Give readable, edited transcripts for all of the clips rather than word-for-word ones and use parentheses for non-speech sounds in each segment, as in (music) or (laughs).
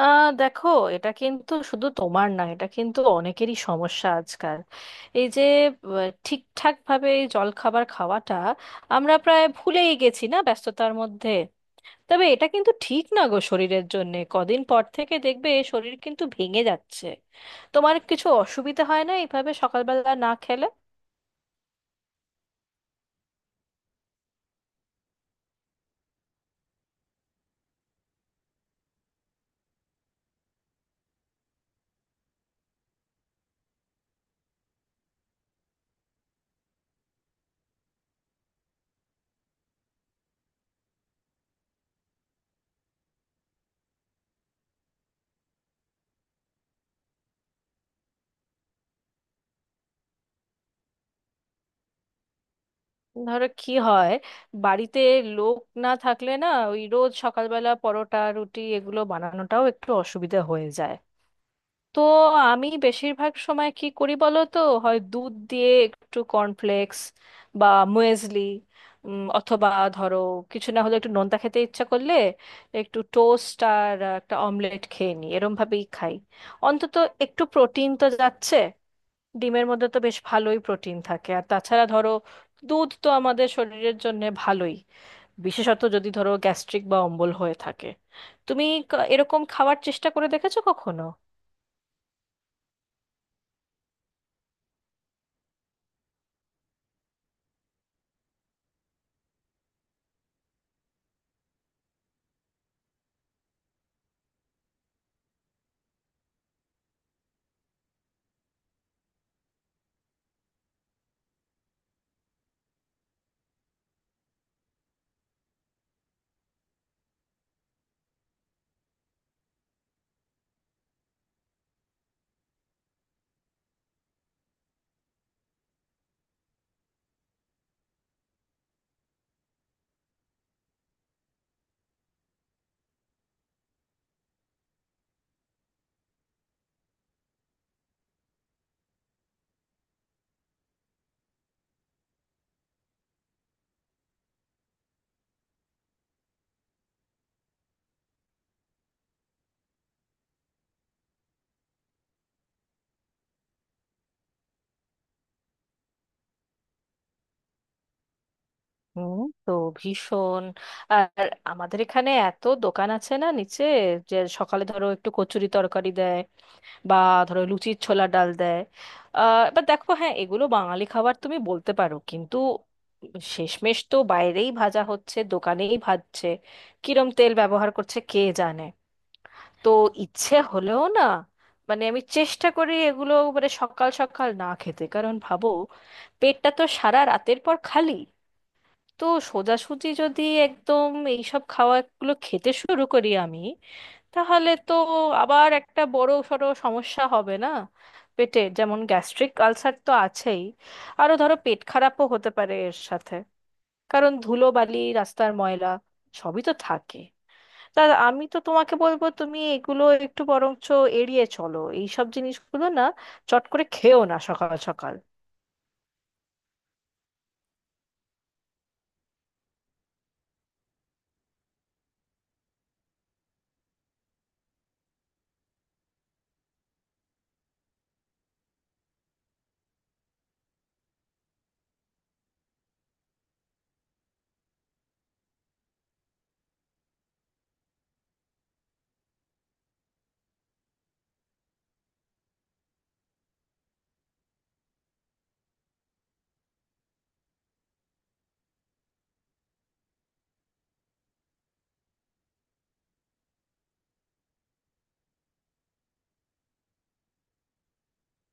দেখো, এটা কিন্তু শুধু তোমার না, এটা কিন্তু অনেকেরই সমস্যা আজকাল। এই যে আহ, ঠিকঠাক ভাবে এই জলখাবার খাওয়াটা আমরা প্রায় ভুলেই গেছি না ব্যস্ততার মধ্যে। তবে এটা কিন্তু ঠিক না গো, শরীরের জন্যে কদিন পর থেকে দেখবে শরীর কিন্তু ভেঙে যাচ্ছে। তোমার কিছু অসুবিধা হয় না এইভাবে সকালবেলা না খেলে? ধরো কি হয়, বাড়িতে লোক না থাকলে না, ওই রোজ সকালবেলা পরোটা রুটি এগুলো বানানোটাও একটু অসুবিধা হয়ে যায়। তো আমি বেশিরভাগ সময় কি করি বলো তো, হয় দুধ দিয়ে একটু কর্নফ্লেক্স বা মুয়েসলি, অথবা ধরো কিছু না হলে একটু নোনতা খেতে ইচ্ছা করলে একটু টোস্ট আর একটা অমলেট খেয়ে নিই, এরম ভাবেই খাই। অন্তত একটু প্রোটিন তো যাচ্ছে, ডিমের মধ্যে তো বেশ ভালোই প্রোটিন থাকে। আর তাছাড়া ধরো দুধ তো আমাদের শরীরের জন্য ভালোই, বিশেষত যদি ধরো গ্যাস্ট্রিক বা অম্বল হয়ে থাকে। তুমি এরকম খাওয়ার চেষ্টা করে দেখেছো কখনো? হুম, তো ভীষণ। আর আমাদের এখানে এত দোকান আছে না নিচে, যে সকালে ধরো একটু কচুরি তরকারি দেয়, বা ধরো লুচির ছোলা ডাল দেয়। এবার দেখো, হ্যাঁ, এগুলো বাঙালি খাবার তুমি বলতে পারো, কিন্তু শেষমেশ তো বাইরেই ভাজা হচ্ছে, দোকানেই ভাজছে, কিরম তেল ব্যবহার করছে কে জানে। তো ইচ্ছে হলেও না, মানে আমি চেষ্টা করি এগুলো মানে সকাল সকাল না খেতে। কারণ ভাবো, পেটটা তো সারা রাতের পর খালি, তো সোজাসুজি যদি একদম এইসব খাওয়াগুলো খেতে শুরু করি আমি, তাহলে তো আবার একটা বড় সড়ো সমস্যা হবে না? পেটের যেমন গ্যাস্ট্রিক আলসার তো আছেই, আরো ধরো পেট খারাপও হতে পারে এর সাথে, কারণ ধুলো বালি রাস্তার ময়লা সবই তো থাকে। তা আমি তো তোমাকে বলবো, তুমি এগুলো একটু বরঞ্চ এড়িয়ে চলো, এইসব জিনিসগুলো না চট করে খেও না সকাল সকাল।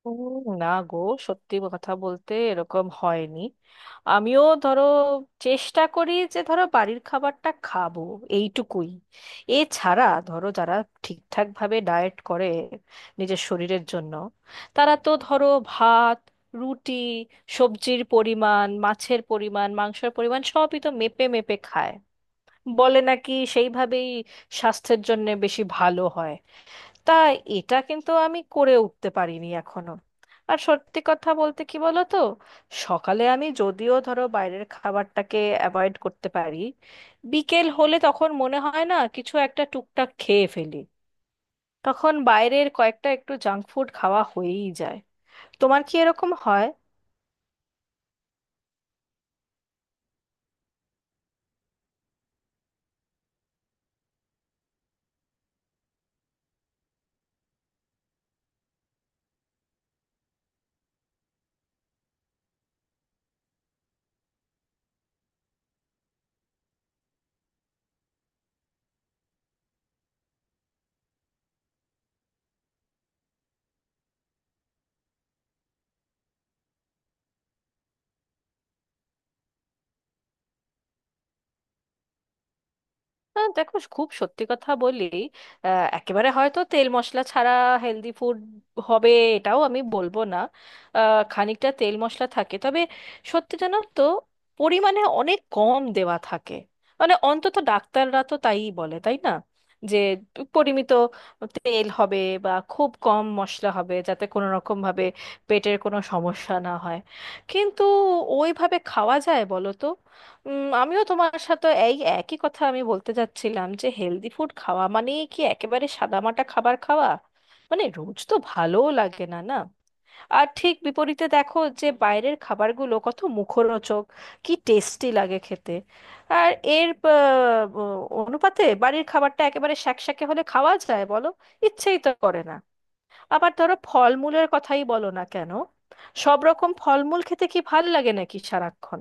উম, না গো, সত্যি কথা বলতে এরকম হয়নি। আমিও ধরো চেষ্টা করি যে ধরো বাড়ির খাবারটা খাবো, এইটুকুই। এছাড়া ধরো যারা ঠিকঠাক ভাবে ডায়েট করে নিজের শরীরের জন্য, তারা তো ধরো ভাত, রুটি, সবজির পরিমাণ, মাছের পরিমাণ, মাংসের পরিমাণ সবই তো মেপে মেপে খায়, বলে নাকি সেইভাবেই স্বাস্থ্যের জন্য বেশি ভালো হয়। তা এটা কিন্তু আমি করে উঠতে পারিনি এখনো। আর সত্যি কথা বলতে কি বলো তো, সকালে আমি যদিও ধরো বাইরের খাবারটাকে অ্যাভয়েড করতে পারি, বিকেল হলে তখন মনে হয় না কিছু একটা টুকটাক খেয়ে ফেলি, তখন বাইরের কয়েকটা একটু জাঙ্ক ফুড খাওয়া হয়েই যায়। তোমার কি এরকম হয়? দেখো, খুব সত্যি কথা বলি, একেবারে হয়তো তেল মশলা ছাড়া হেলদি ফুড হবে, এটাও আমি বলবো না। আহ, খানিকটা তেল মশলা থাকে, তবে সত্যি জানো তো পরিমাণে অনেক কম দেওয়া থাকে। মানে অন্তত ডাক্তাররা তো তাইই বলে, তাই না, যে পরিমিত তেল হবে বা খুব কম মশলা হবে, যাতে কোনো রকম ভাবে পেটের কোনো সমস্যা না হয়। কিন্তু ওইভাবে খাওয়া যায় বলো তো? আমিও তোমার সাথে এই একই কথা আমি বলতে যাচ্ছিলাম, যে হেলদি ফুড খাওয়া মানে কি একেবারে সাদামাটা খাবার খাওয়া? মানে রোজ তো ভালোও লাগে না না। আর ঠিক বিপরীতে দেখো যে বাইরের খাবারগুলো কত মুখরোচক, কি টেস্টি লাগে খেতে। আর এর অনুপাতে বাড়ির খাবারটা একেবারে শ্যাকশ্যাকে হলে খাওয়া যায় বলো? ইচ্ছেই তো করে না। আবার ধরো ফলমূলের কথাই বলো না কেন, সব রকম ফলমূল খেতে কি ভাল লাগে নাকি সারাক্ষণ?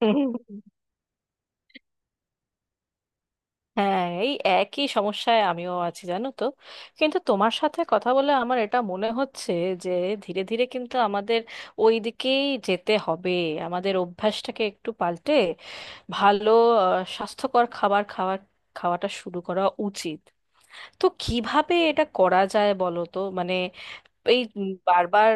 (laughs) হ্যাঁ, এই একই সমস্যায় আমিও আছি জানো তো। কিন্তু তোমার সাথে কথা বলে আমার এটা মনে হচ্ছে যে ধীরে ধীরে কিন্তু আমাদের ওই দিকেই যেতে হবে। আমাদের অভ্যাসটাকে একটু পাল্টে ভালো স্বাস্থ্যকর খাবার খাওয়ার খাওয়াটা শুরু করা উচিত। তো কিভাবে এটা করা যায় বলো তো মানে এই বারবার।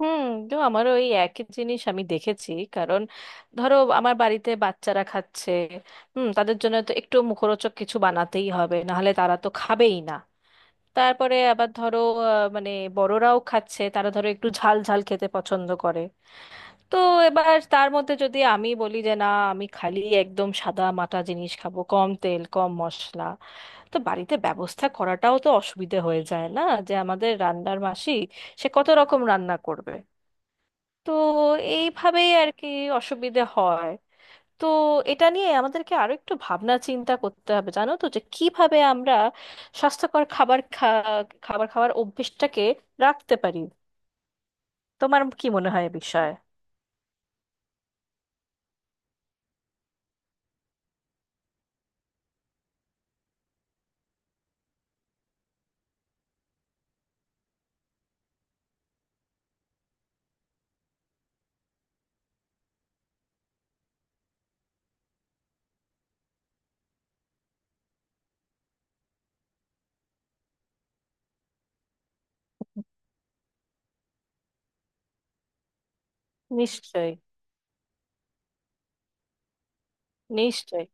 হুম, তো আমারও ওই একই জিনিস আমি দেখেছি। কারণ ধরো আমার বাড়িতে বাচ্চারা খাচ্ছে, হুম, তাদের জন্য তো একটু মুখরোচক কিছু বানাতেই হবে, নাহলে তারা তো খাবেই না। তারপরে আবার ধরো মানে বড়রাও খাচ্ছে, তারা ধরো একটু ঝাল ঝাল খেতে পছন্দ করে। তো এবার তার মধ্যে যদি আমি বলি যে না, আমি খালি একদম সাদা মাটা জিনিস খাবো, কম তেল কম মশলা, তো বাড়িতে ব্যবস্থা করাটাও তো অসুবিধে হয়ে যায় না? যে আমাদের রান্নার মাসি সে কত রকম রান্না করবে। তো এইভাবেই আর কি অসুবিধে হয়। তো এটা নিয়ে আমাদেরকে আরো একটু ভাবনা চিন্তা করতে হবে জানো তো, যে কিভাবে আমরা স্বাস্থ্যকর খাবার খাওয়ার অভ্যেসটাকে রাখতে পারি। তোমার কি মনে হয় এ বিষয়ে? নিশ্চয়ই। নিশ্চয়ই।